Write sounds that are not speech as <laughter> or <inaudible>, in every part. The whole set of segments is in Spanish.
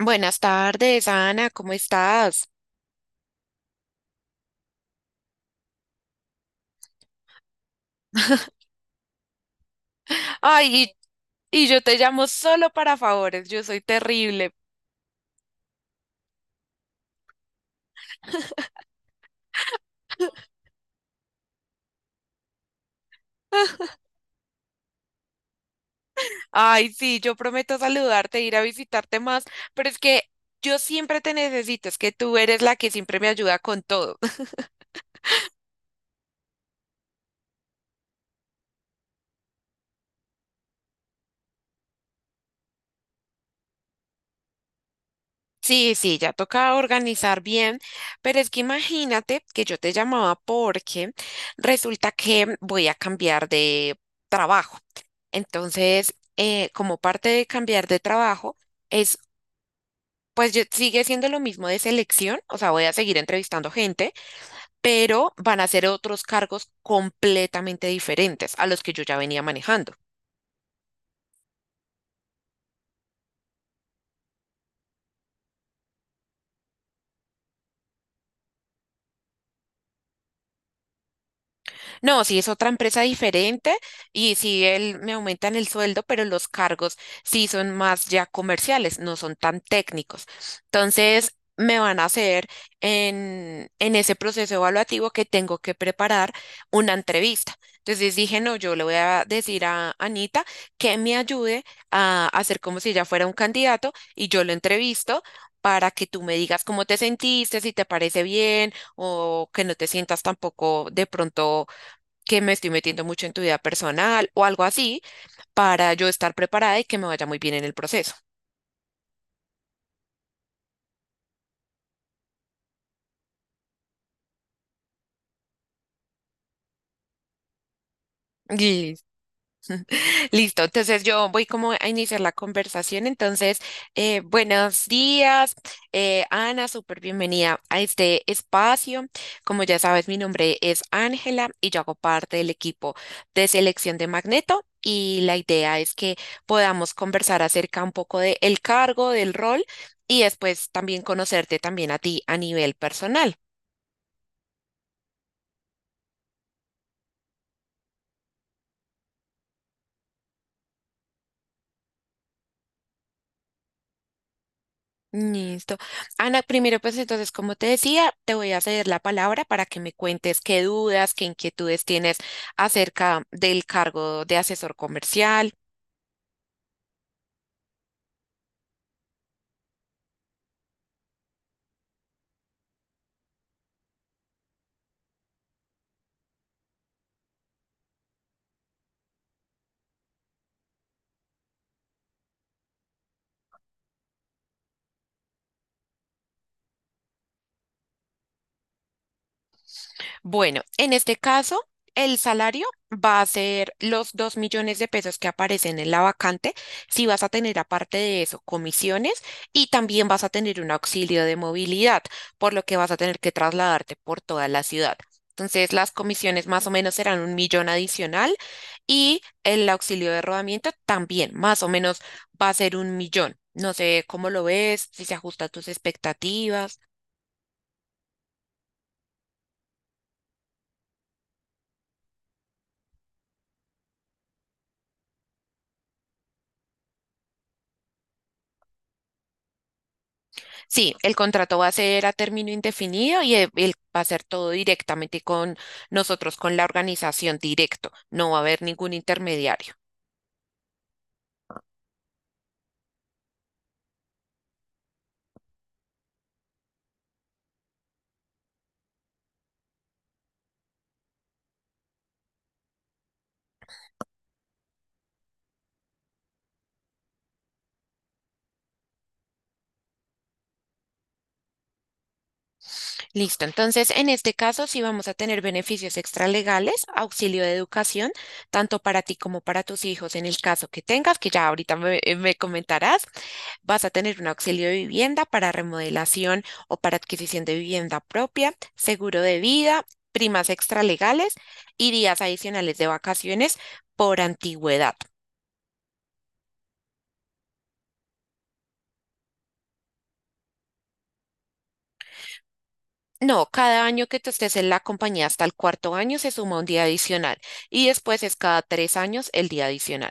Buenas tardes, Ana, ¿cómo estás? <laughs> Ay, y yo te llamo solo para favores, yo soy terrible. <laughs> Ay, sí, yo prometo saludarte, ir a visitarte más, pero es que yo siempre te necesito, es que tú eres la que siempre me ayuda con todo. Sí, sí, ya toca organizar bien, pero es que imagínate que yo te llamaba porque resulta que voy a cambiar de trabajo. Entonces, como parte de cambiar de trabajo, es, pues sigue siendo lo mismo de selección, o sea, voy a seguir entrevistando gente, pero van a ser otros cargos completamente diferentes a los que yo ya venía manejando. No, si es otra empresa diferente y si él me aumentan el sueldo, pero los cargos sí son más ya comerciales, no son tan técnicos. Entonces, me van a hacer en ese proceso evaluativo que tengo que preparar una entrevista. Entonces dije, no, yo le voy a decir a Anita que me ayude a hacer como si ella fuera un candidato y yo lo entrevisto para que tú me digas cómo te sentiste, si te parece bien o que no te sientas tampoco de pronto que me estoy metiendo mucho en tu vida personal o algo así para yo estar preparada y que me vaya muy bien en el proceso. Lis- Listo, entonces yo voy como a iniciar la conversación. Entonces, buenos días, Ana, súper bienvenida a este espacio. Como ya sabes, mi nombre es Ángela y yo hago parte del equipo de selección de Magneto y la idea es que podamos conversar acerca un poco del cargo, del rol y después también conocerte también a ti a nivel personal. Listo. Ana, primero pues entonces, como te decía, te voy a ceder la palabra para que me cuentes qué dudas, qué inquietudes tienes acerca del cargo de asesor comercial. Bueno, en este caso, el salario va a ser los 2 millones de pesos que aparecen en la vacante. Si vas a tener aparte de eso comisiones y también vas a tener un auxilio de movilidad, por lo que vas a tener que trasladarte por toda la ciudad. Entonces, las comisiones más o menos serán 1 millón adicional. Y el auxilio de rodamiento también, más o menos, va a ser 1 millón. No sé cómo lo ves, si se ajusta a tus expectativas. Sí, el contrato va a ser a término indefinido y va a ser todo directamente con nosotros, con la organización directo. No va a haber ningún intermediario. Listo, entonces en este caso sí vamos a tener beneficios extralegales, auxilio de educación, tanto para ti como para tus hijos en el caso que tengas, que ya ahorita me comentarás. Vas a tener un auxilio de vivienda para remodelación o para adquisición de vivienda propia, seguro de vida, primas extralegales y días adicionales de vacaciones por antigüedad. No, cada año que tú estés en la compañía hasta el cuarto año se suma un día adicional y después es cada 3 años el día adicional.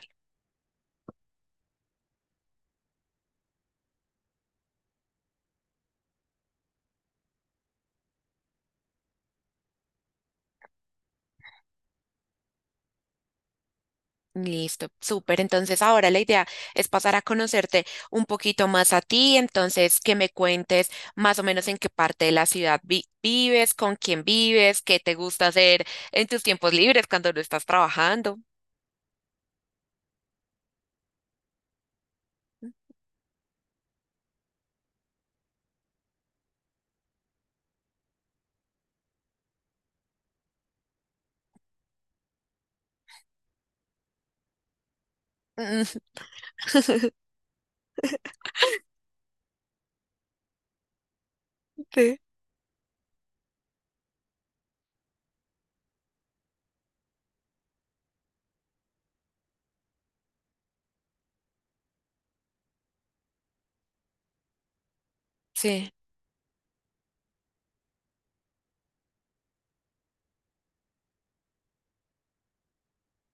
Listo, súper. Entonces ahora la idea es pasar a conocerte un poquito más a ti, entonces que me cuentes más o menos en qué parte de la ciudad vives, con quién vives, qué te gusta hacer en tus tiempos libres cuando no estás trabajando. <laughs> Mm. Sí. Sí,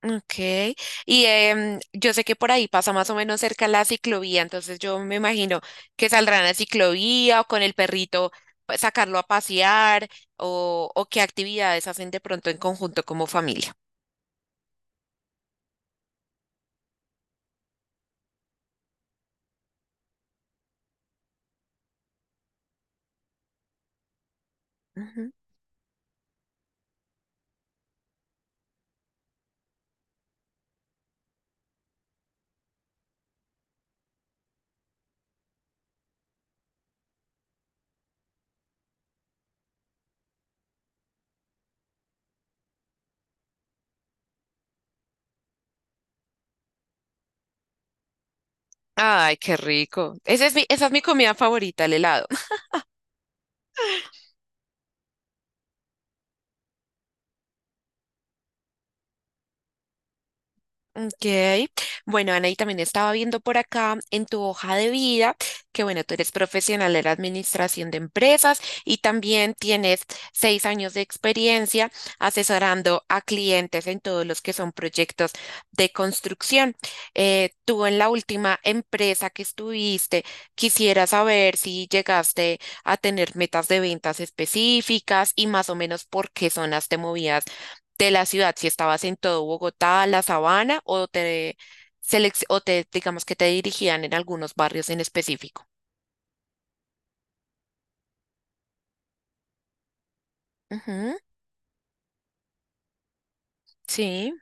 ok. Y yo sé que por ahí pasa más o menos cerca la ciclovía, entonces yo me imagino que saldrán a ciclovía o con el perrito pues, sacarlo a pasear o qué actividades hacen de pronto en conjunto como familia. Ujú. Ay, qué rico. Ese es mi, esa es mi comida favorita, el helado. Ok. Bueno, Ana, y también estaba viendo por acá en tu hoja de vida que, bueno, tú eres profesional de la administración de empresas y también tienes 6 años de experiencia asesorando a clientes en todos los que son proyectos de construcción. Tú en la última empresa que estuviste, quisiera saber si llegaste a tener metas de ventas específicas y más o menos por qué zonas te movías de la ciudad, si estabas en todo Bogotá, la Sabana, o te, o te digamos que te dirigían en algunos barrios en específico. Ujú, sí,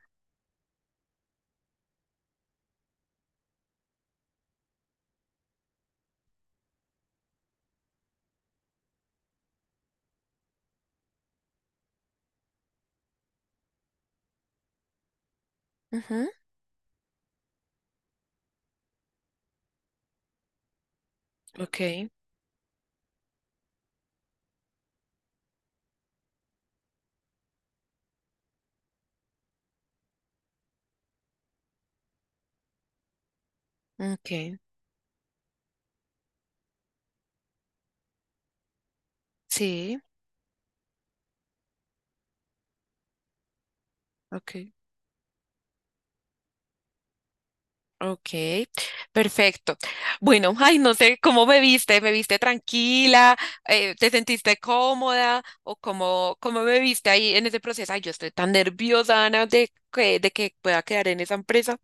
ujú, ok, ok, sí, ok, ok, perfecto. Bueno, ay, no sé cómo me viste tranquila. Te sentiste cómoda o cómo, cómo me viste ahí en ese proceso. Ay, yo estoy tan nerviosa, Ana, de que, pueda quedar en esa empresa.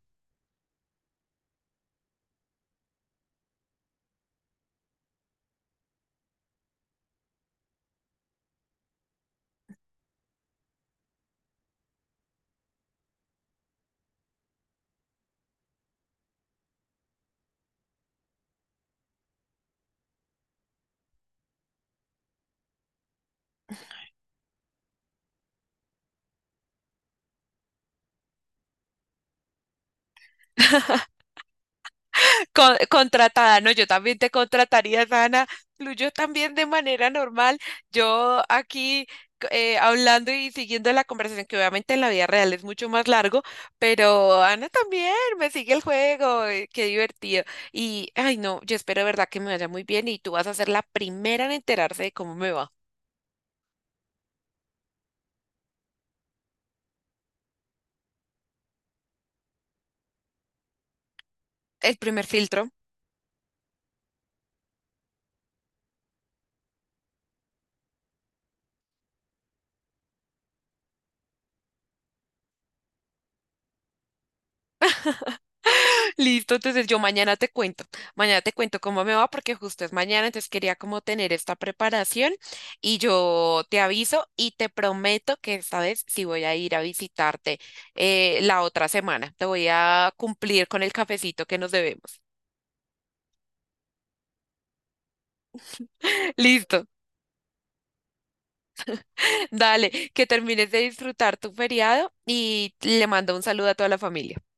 <laughs> Contratada, no, yo también te contrataría, Dana. Fluyó también de manera normal. Yo aquí hablando y siguiendo la conversación, que obviamente en la vida real es mucho más largo, pero Ana también me sigue el juego. Qué divertido. Y, ay, no, yo espero de verdad que me vaya muy bien y tú vas a ser la primera en enterarse de cómo me va. El primer filtro. Listo, entonces yo mañana te cuento cómo me va porque justo es mañana, entonces quería como tener esta preparación y yo te aviso y te prometo que esta vez sí voy a ir a visitarte la otra semana, te voy a cumplir con el cafecito que nos debemos. <laughs> Listo, dale, que termines de disfrutar tu feriado y le mando un saludo a toda la familia.